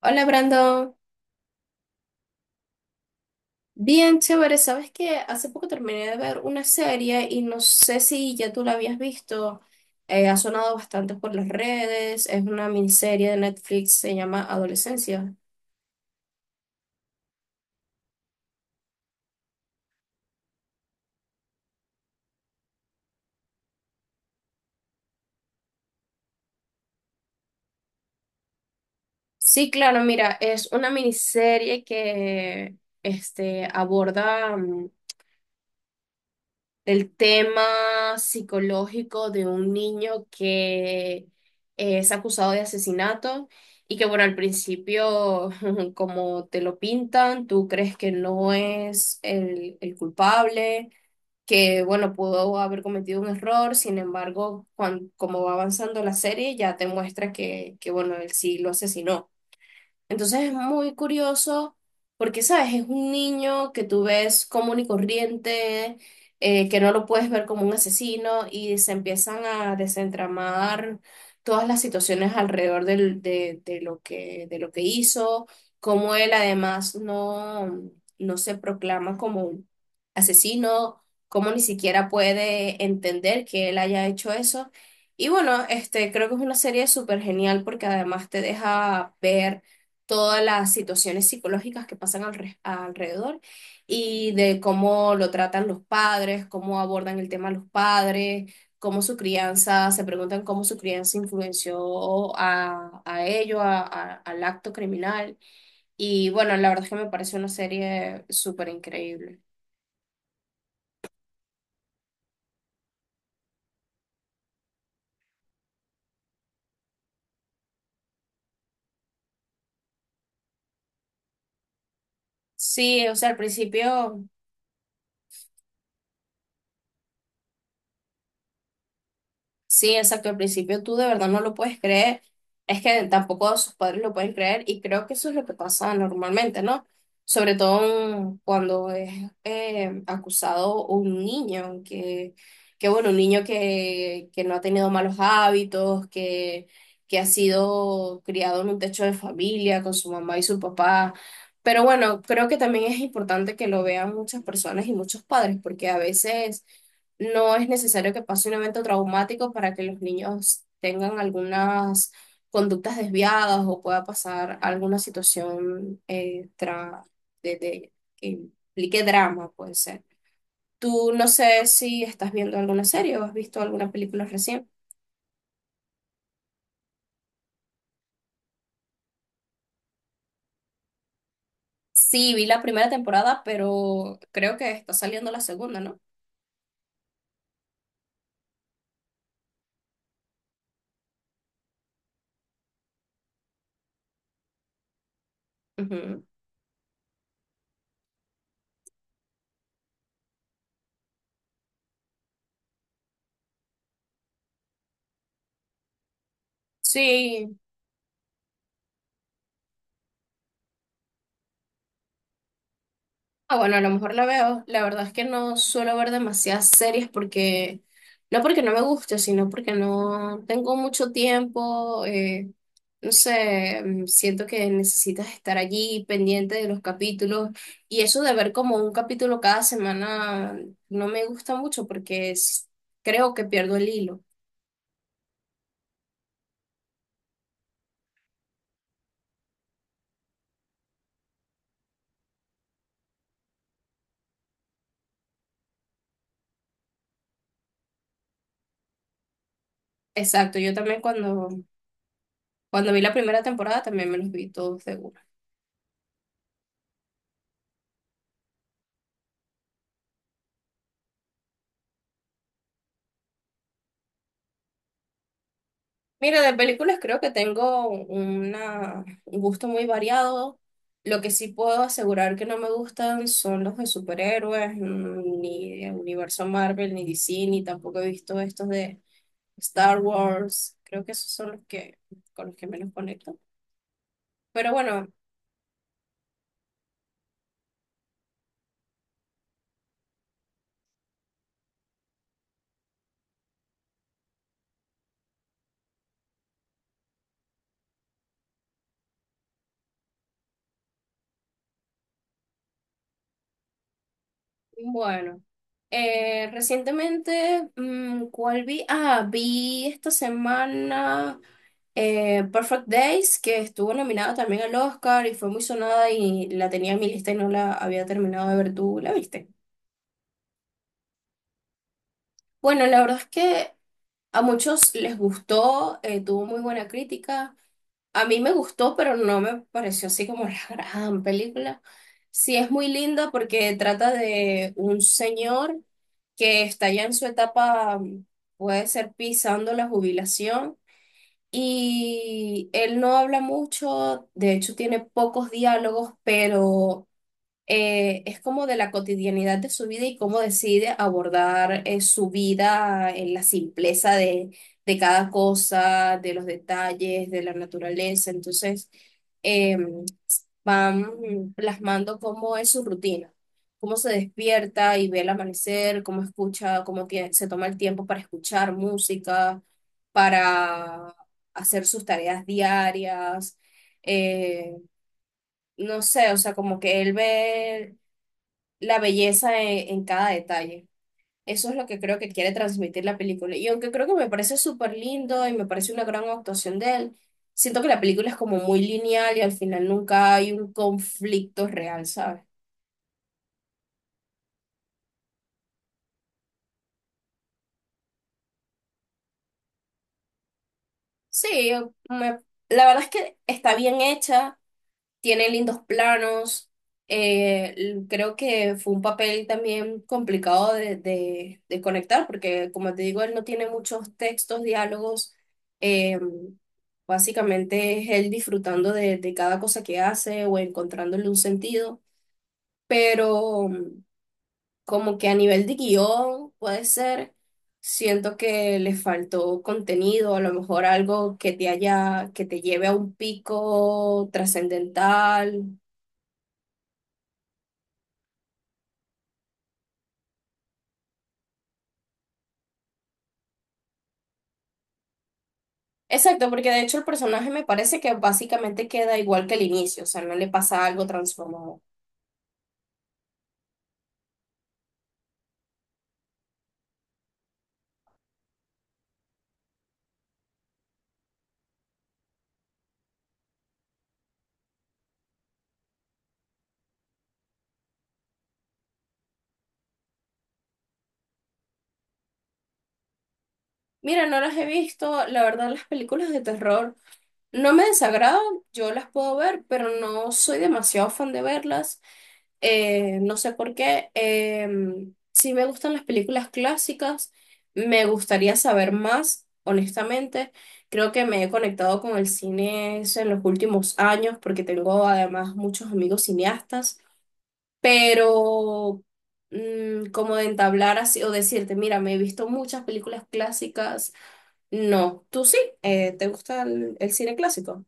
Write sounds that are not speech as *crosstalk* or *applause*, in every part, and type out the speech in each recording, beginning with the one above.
Hola Brandon, bien chévere, sabes que hace poco terminé de ver una serie y no sé si ya tú la habías visto. Ha sonado bastante por las redes, es una miniserie de Netflix, se llama Adolescencia. Sí, claro, mira, es una miniserie que aborda el tema psicológico de un niño que es acusado de asesinato y que, bueno, al principio, *laughs* como te lo pintan, tú crees que no es el culpable, que, bueno, pudo haber cometido un error. Sin embargo, como va avanzando la serie, ya te muestra bueno, él sí lo asesinó. Entonces es muy curioso porque, ¿sabes? Es un niño que tú ves común y corriente, que no lo puedes ver como un asesino, y se empiezan a desentramar todas las situaciones alrededor de lo de lo que hizo, cómo él además no, no se proclama como un asesino, cómo ni siquiera puede entender que él haya hecho eso. Y bueno, creo que es una serie súper genial porque además te deja ver todas las situaciones psicológicas que pasan alrededor, y de cómo lo tratan los padres, cómo abordan el tema los padres, cómo su crianza, se preguntan cómo su crianza influenció a ello, al acto criminal. Y bueno, la verdad es que me parece una serie súper increíble. Sí, o sea, al principio. Sí, exacto. Al principio tú de verdad no lo puedes creer. Es que tampoco sus padres lo pueden creer, y creo que eso es lo que pasa normalmente, ¿no? Sobre todo cuando es acusado un niño, que bueno, un niño que no ha tenido malos hábitos, que ha sido criado en un techo de familia con su mamá y su papá. Pero bueno, creo que también es importante que lo vean muchas personas y muchos padres, porque a veces no es necesario que pase un evento traumático para que los niños tengan algunas conductas desviadas, o pueda pasar alguna situación que implique drama, puede ser. Tú no sé si estás viendo alguna serie o has visto alguna película recién. Sí, vi la primera temporada, pero creo que está saliendo la segunda, ¿no? Ujú. Sí. Ah, bueno, a lo mejor la veo. La verdad es que no suelo ver demasiadas series porque no me guste, sino porque no tengo mucho tiempo. No sé, siento que necesitas estar allí pendiente de los capítulos, y eso de ver como un capítulo cada semana no me gusta mucho porque creo que pierdo el hilo. Exacto, yo también cuando vi la primera temporada también me los vi todos de una. Mira, de películas creo que tengo un gusto muy variado. Lo que sí puedo asegurar que no me gustan son los de superhéroes, ni de universo Marvel, ni DC, ni tampoco he visto estos de Star Wars. Creo que esos son los que, con los que menos conecto. Pero bueno, bueno. Recientemente, ¿cuál vi? Ah, vi esta semana Perfect Days, que estuvo nominada también al Oscar y fue muy sonada, y la tenía en mi lista y no la había terminado de ver. ¿Tú la viste? Bueno, la verdad es que a muchos les gustó, tuvo muy buena crítica. A mí me gustó, pero no me pareció así como la *laughs* gran película. Sí es muy linda porque trata de un señor que está ya en su etapa, puede ser pisando la jubilación, y él no habla mucho, de hecho tiene pocos diálogos, pero es como de la cotidianidad de su vida y cómo decide abordar su vida en la simpleza de cada cosa, de los detalles, de la naturaleza. Entonces, eh, van plasmando cómo es su rutina, cómo se despierta y ve el amanecer, cómo escucha, se toma el tiempo para escuchar música, para hacer sus tareas diarias. eh, no sé, o sea, como que él ve la belleza en cada detalle. Eso es lo que creo que quiere transmitir la película. Y aunque creo que me parece súper lindo y me parece una gran actuación de él, siento que la película es como muy lineal y al final nunca hay un conflicto real, ¿sabes? Sí, me- la verdad es que está bien hecha. Tiene lindos planos. Creo que fue un papel también complicado de conectar, porque como te digo, él no tiene muchos textos, diálogos. eh, Básicamente es él disfrutando de cada cosa que hace o encontrándole un sentido. Pero como que a nivel de guión puede ser, siento que le faltó contenido, a lo mejor algo que te haya, que te lleve a un pico trascendental. Exacto, porque de hecho el personaje me parece que básicamente queda igual que el inicio, o sea, no le pasa algo transformado. Mira, no las he visto, la verdad las películas de terror no me desagradan, yo las puedo ver, pero no soy demasiado fan de verlas, no sé por qué. Sí me gustan las películas clásicas, me gustaría saber más, honestamente. Creo que me he conectado con el cine es en los últimos años porque tengo además muchos amigos cineastas. Pero como de entablar así o decirte, mira, me he visto muchas películas clásicas. No, tú sí, ¿te gusta el cine clásico?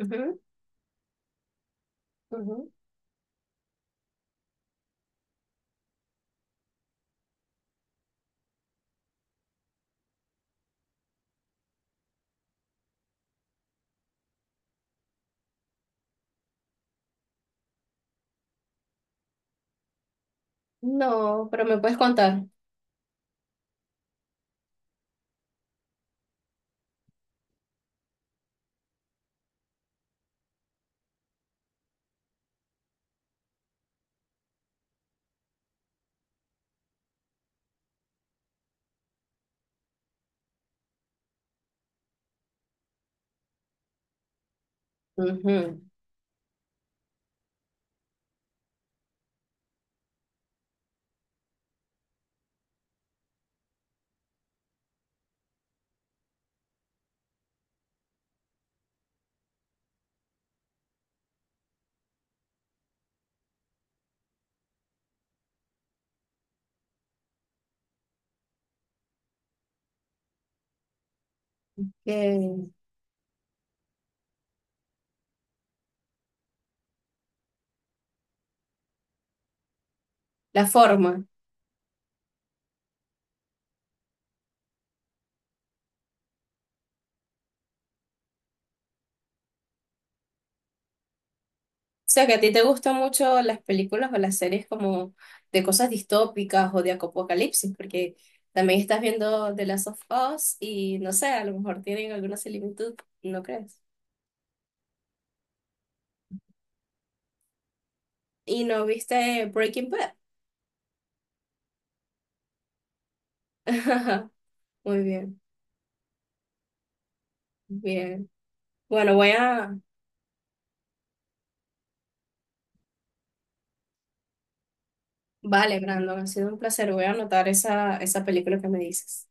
Ujú, ujú. No, pero me puedes contar. Ujú. Que la forma. O sea, que a ti te gustan mucho las películas o las series como de cosas distópicas o de apocalipsis, porque también estás viendo The Last of Us y no sé, a lo mejor tienen alguna similitud, ¿no crees? ¿Y no viste Breaking Bad? *laughs* Muy bien, bien. Bueno, voy a... Vale, Brandon, ha sido un placer. Voy a anotar esa película que me dices.